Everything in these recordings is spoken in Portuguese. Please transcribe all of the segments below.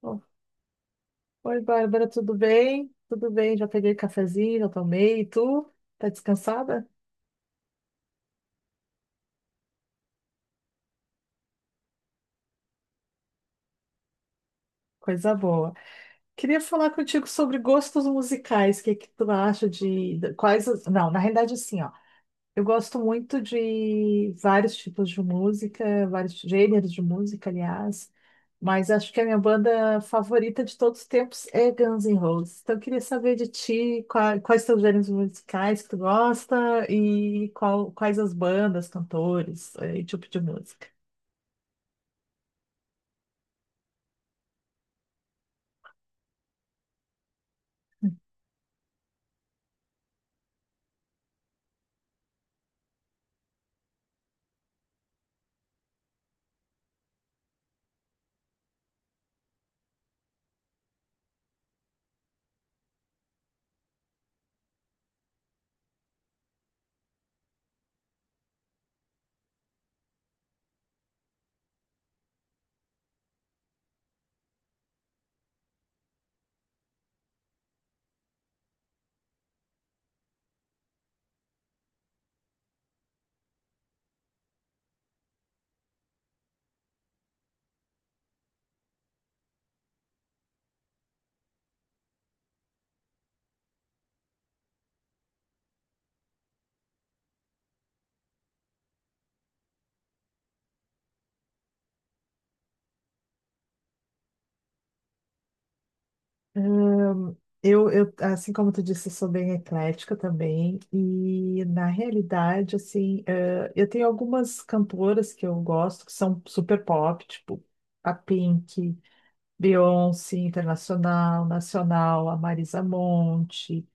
Bom. Oi, Bárbara, tudo bem? Tudo bem, já peguei cafezinho, já tomei. E tu? Tá descansada? Coisa boa. Queria falar contigo sobre gostos musicais. O que que tu acha de- quais? As- Não, na realidade, assim, ó. Eu gosto muito de vários tipos de música, vários gêneros de música, aliás, mas acho que a minha banda favorita de todos os tempos é Guns N' Roses. Então, eu queria saber de ti quais são os gêneros musicais que tu gosta e quais as bandas, cantores, e tipo de música. Eu, assim como tu disse, eu sou bem eclética também, e na realidade, assim, eu tenho algumas cantoras que eu gosto, que são super pop, tipo a Pink, Beyoncé, Internacional, Nacional, a Marisa Monte,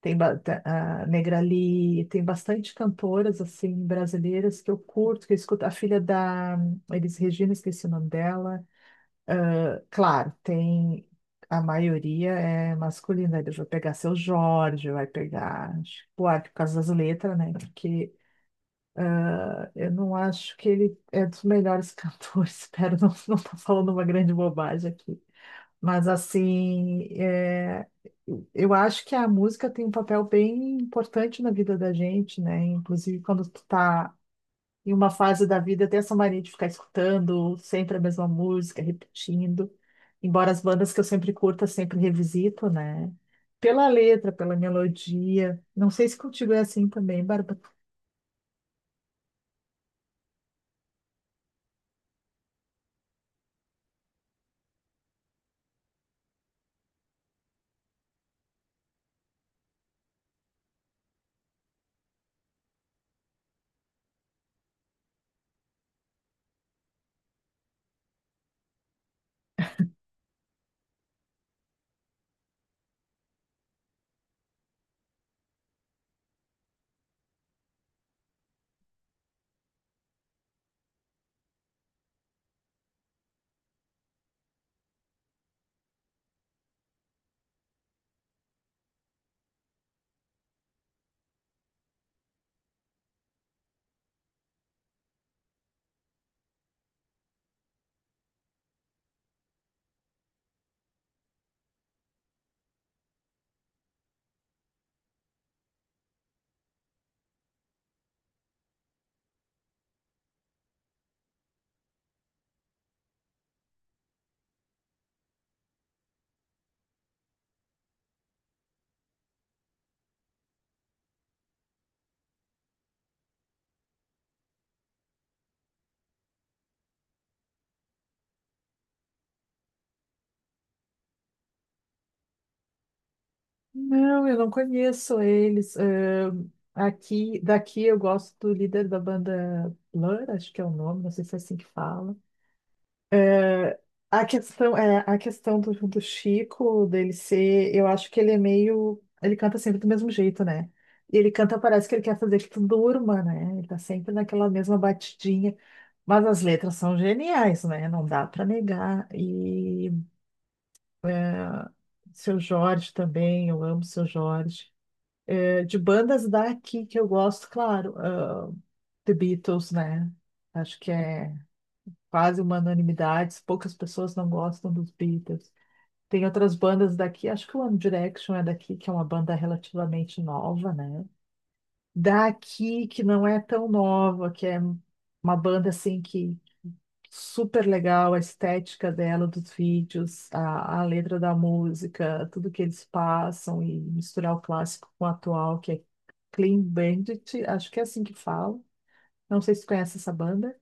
tem ba- ta- a Negra Lee, tem bastante cantoras, assim, brasileiras que eu curto, que eu escuto, a filha da Elis Regina, esqueci o nome dela, claro, tem. A maioria é masculina. Ele vai pegar Seu Jorge, vai pegar. Tipo, ah, por causa das letras, né? Porque eu não acho que ele é dos melhores cantores. Espero não estar falando uma grande bobagem aqui. Mas, assim, é, eu acho que a música tem um papel bem importante na vida da gente, né? Inclusive, quando tu tá em uma fase da vida, eu tenho essa mania de ficar escutando sempre a mesma música, repetindo. Embora as bandas que eu sempre curto, eu sempre revisito, né? Pela letra, pela melodia. Não sei se contigo é assim também, Bárbara. Não, eu não conheço eles. Aqui, daqui eu gosto do líder da banda Blur, acho que é o nome, não sei se é assim que fala. A questão, é, a questão do, do Chico, dele ser, eu acho que ele é meio. Ele canta sempre do mesmo jeito, né? E ele canta, parece que ele quer fazer que tu durma, né? Ele tá sempre naquela mesma batidinha. Mas as letras são geniais, né? Não dá pra negar. E ah, Seu Jorge também, eu amo Seu Jorge. É, de bandas daqui que eu gosto, claro, ah, The Beatles, né? Acho que é quase uma unanimidade, poucas pessoas não gostam dos Beatles. Tem outras bandas daqui, acho que o One Direction é daqui, que é uma banda relativamente nova, né? Daqui, que não é tão nova, que é uma banda assim que super legal, a estética dela, dos vídeos, a letra da música, tudo que eles passam e misturar o clássico com o atual, que é Clean Bandit, acho que é assim que fala. Não sei se tu conhece essa banda.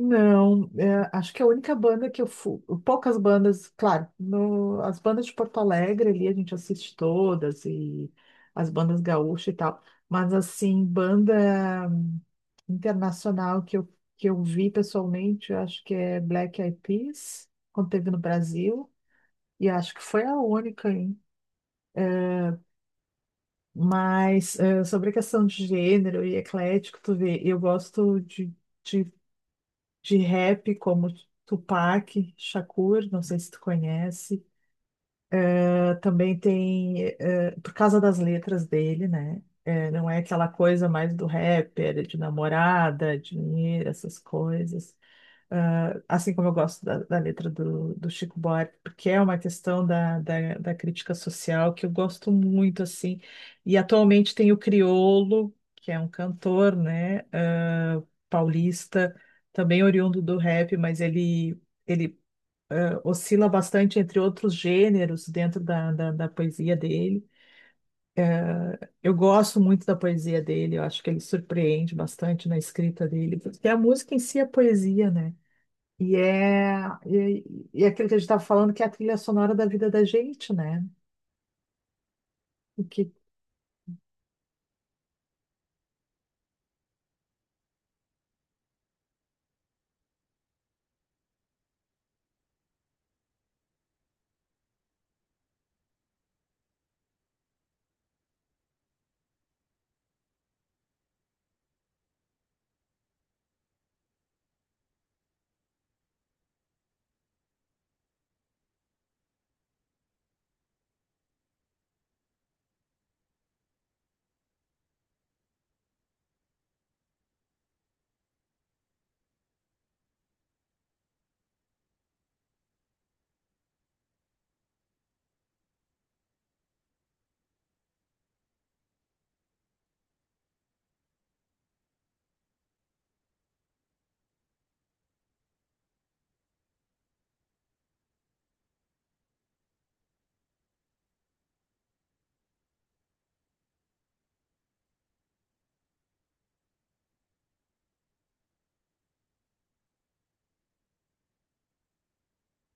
Não, é, acho que a única banda que eu fui, poucas bandas, claro, as bandas de Porto Alegre ali a gente assiste todas e as bandas gaúchas e tal, mas assim, banda internacional que eu vi pessoalmente, eu acho que é Black Eyed Peas, quando teve no Brasil, e acho que foi a única, hein? Mas sobre a questão de gênero e eclético, tu vê, eu gosto de, de de rap como Tupac Shakur, não sei se tu conhece. Também tem, por causa das letras dele, né? Não é aquela coisa mais do rapper, de namorada, dinheiro, essas coisas, assim como eu gosto da, da letra do, do Chico Buarque, porque é uma questão da crítica social que eu gosto muito, assim. E atualmente tem o Criolo, que é um cantor, né, paulista, também oriundo do rap, mas ele oscila bastante entre outros gêneros dentro da poesia dele. Eu gosto muito da poesia dele, eu acho que ele surpreende bastante na escrita dele, porque a música em si é poesia, né? E é, e, e é aquilo que a gente estava falando, que é a trilha sonora da vida da gente, né? O que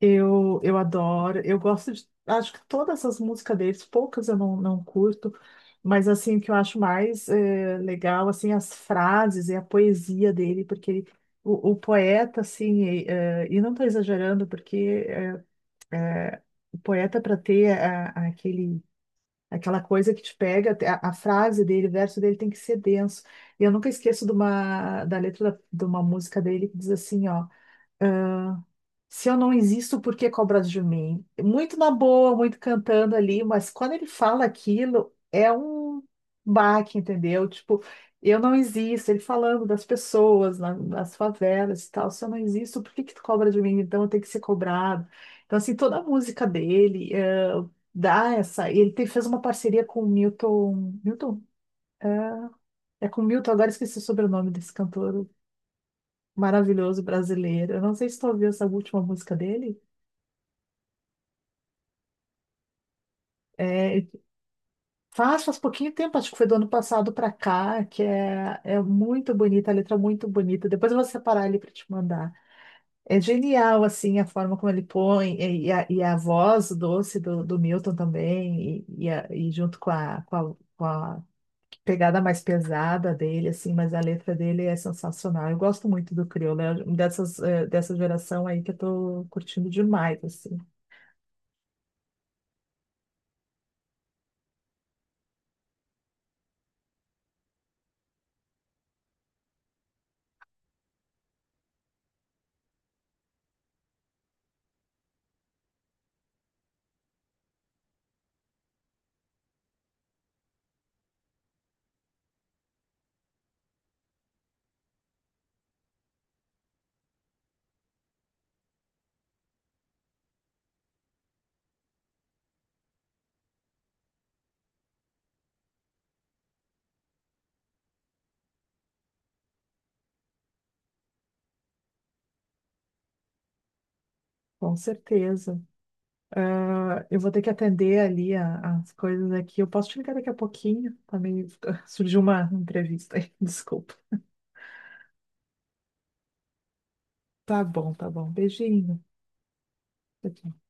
eu adoro, eu gosto de, acho que todas as músicas deles, poucas eu não, não curto, mas assim, o que eu acho mais legal, assim, as frases e a poesia dele, porque o poeta, assim, e não estou exagerando, porque eh, o poeta, para ter a- aquele aquela coisa que te pega, a frase dele, o verso dele tem que ser denso. E eu nunca esqueço de uma, da letra da- de uma música dele que diz assim, ó. Se eu não existo, por que cobrar de mim? Muito na boa, muito cantando ali, mas quando ele fala aquilo, é um baque, entendeu? Tipo, eu não existo. Ele falando das pessoas, nas favelas e tal. Se eu não existo, por que que tu cobra de mim? Então eu tenho que ser cobrado. Então, assim, toda a música dele dá essa. Ele fez uma parceria com o Milton. Milton? É com o Milton, agora esqueci o sobrenome desse cantor maravilhoso brasileiro. Eu não sei se tu ouviu essa última música dele. é faz pouquinho tempo, acho que foi do ano passado para cá, que é, é muito bonita, a letra é muito bonita. Depois eu vou separar ele para te mandar. É genial, assim, a forma como ele põe, e a voz doce do Milton também, e junto com a, pegada mais pesada dele, assim, mas a letra dele é sensacional. Eu gosto muito do Criolo, é um dessas, dessa geração aí que eu tô curtindo demais, assim, com certeza. Ah, eu vou ter que atender ali as coisas aqui. Eu posso te ligar daqui a pouquinho? Também surgiu uma entrevista aí, desculpa. Tá bom, tá bom. Beijinho. Tchau, tchau.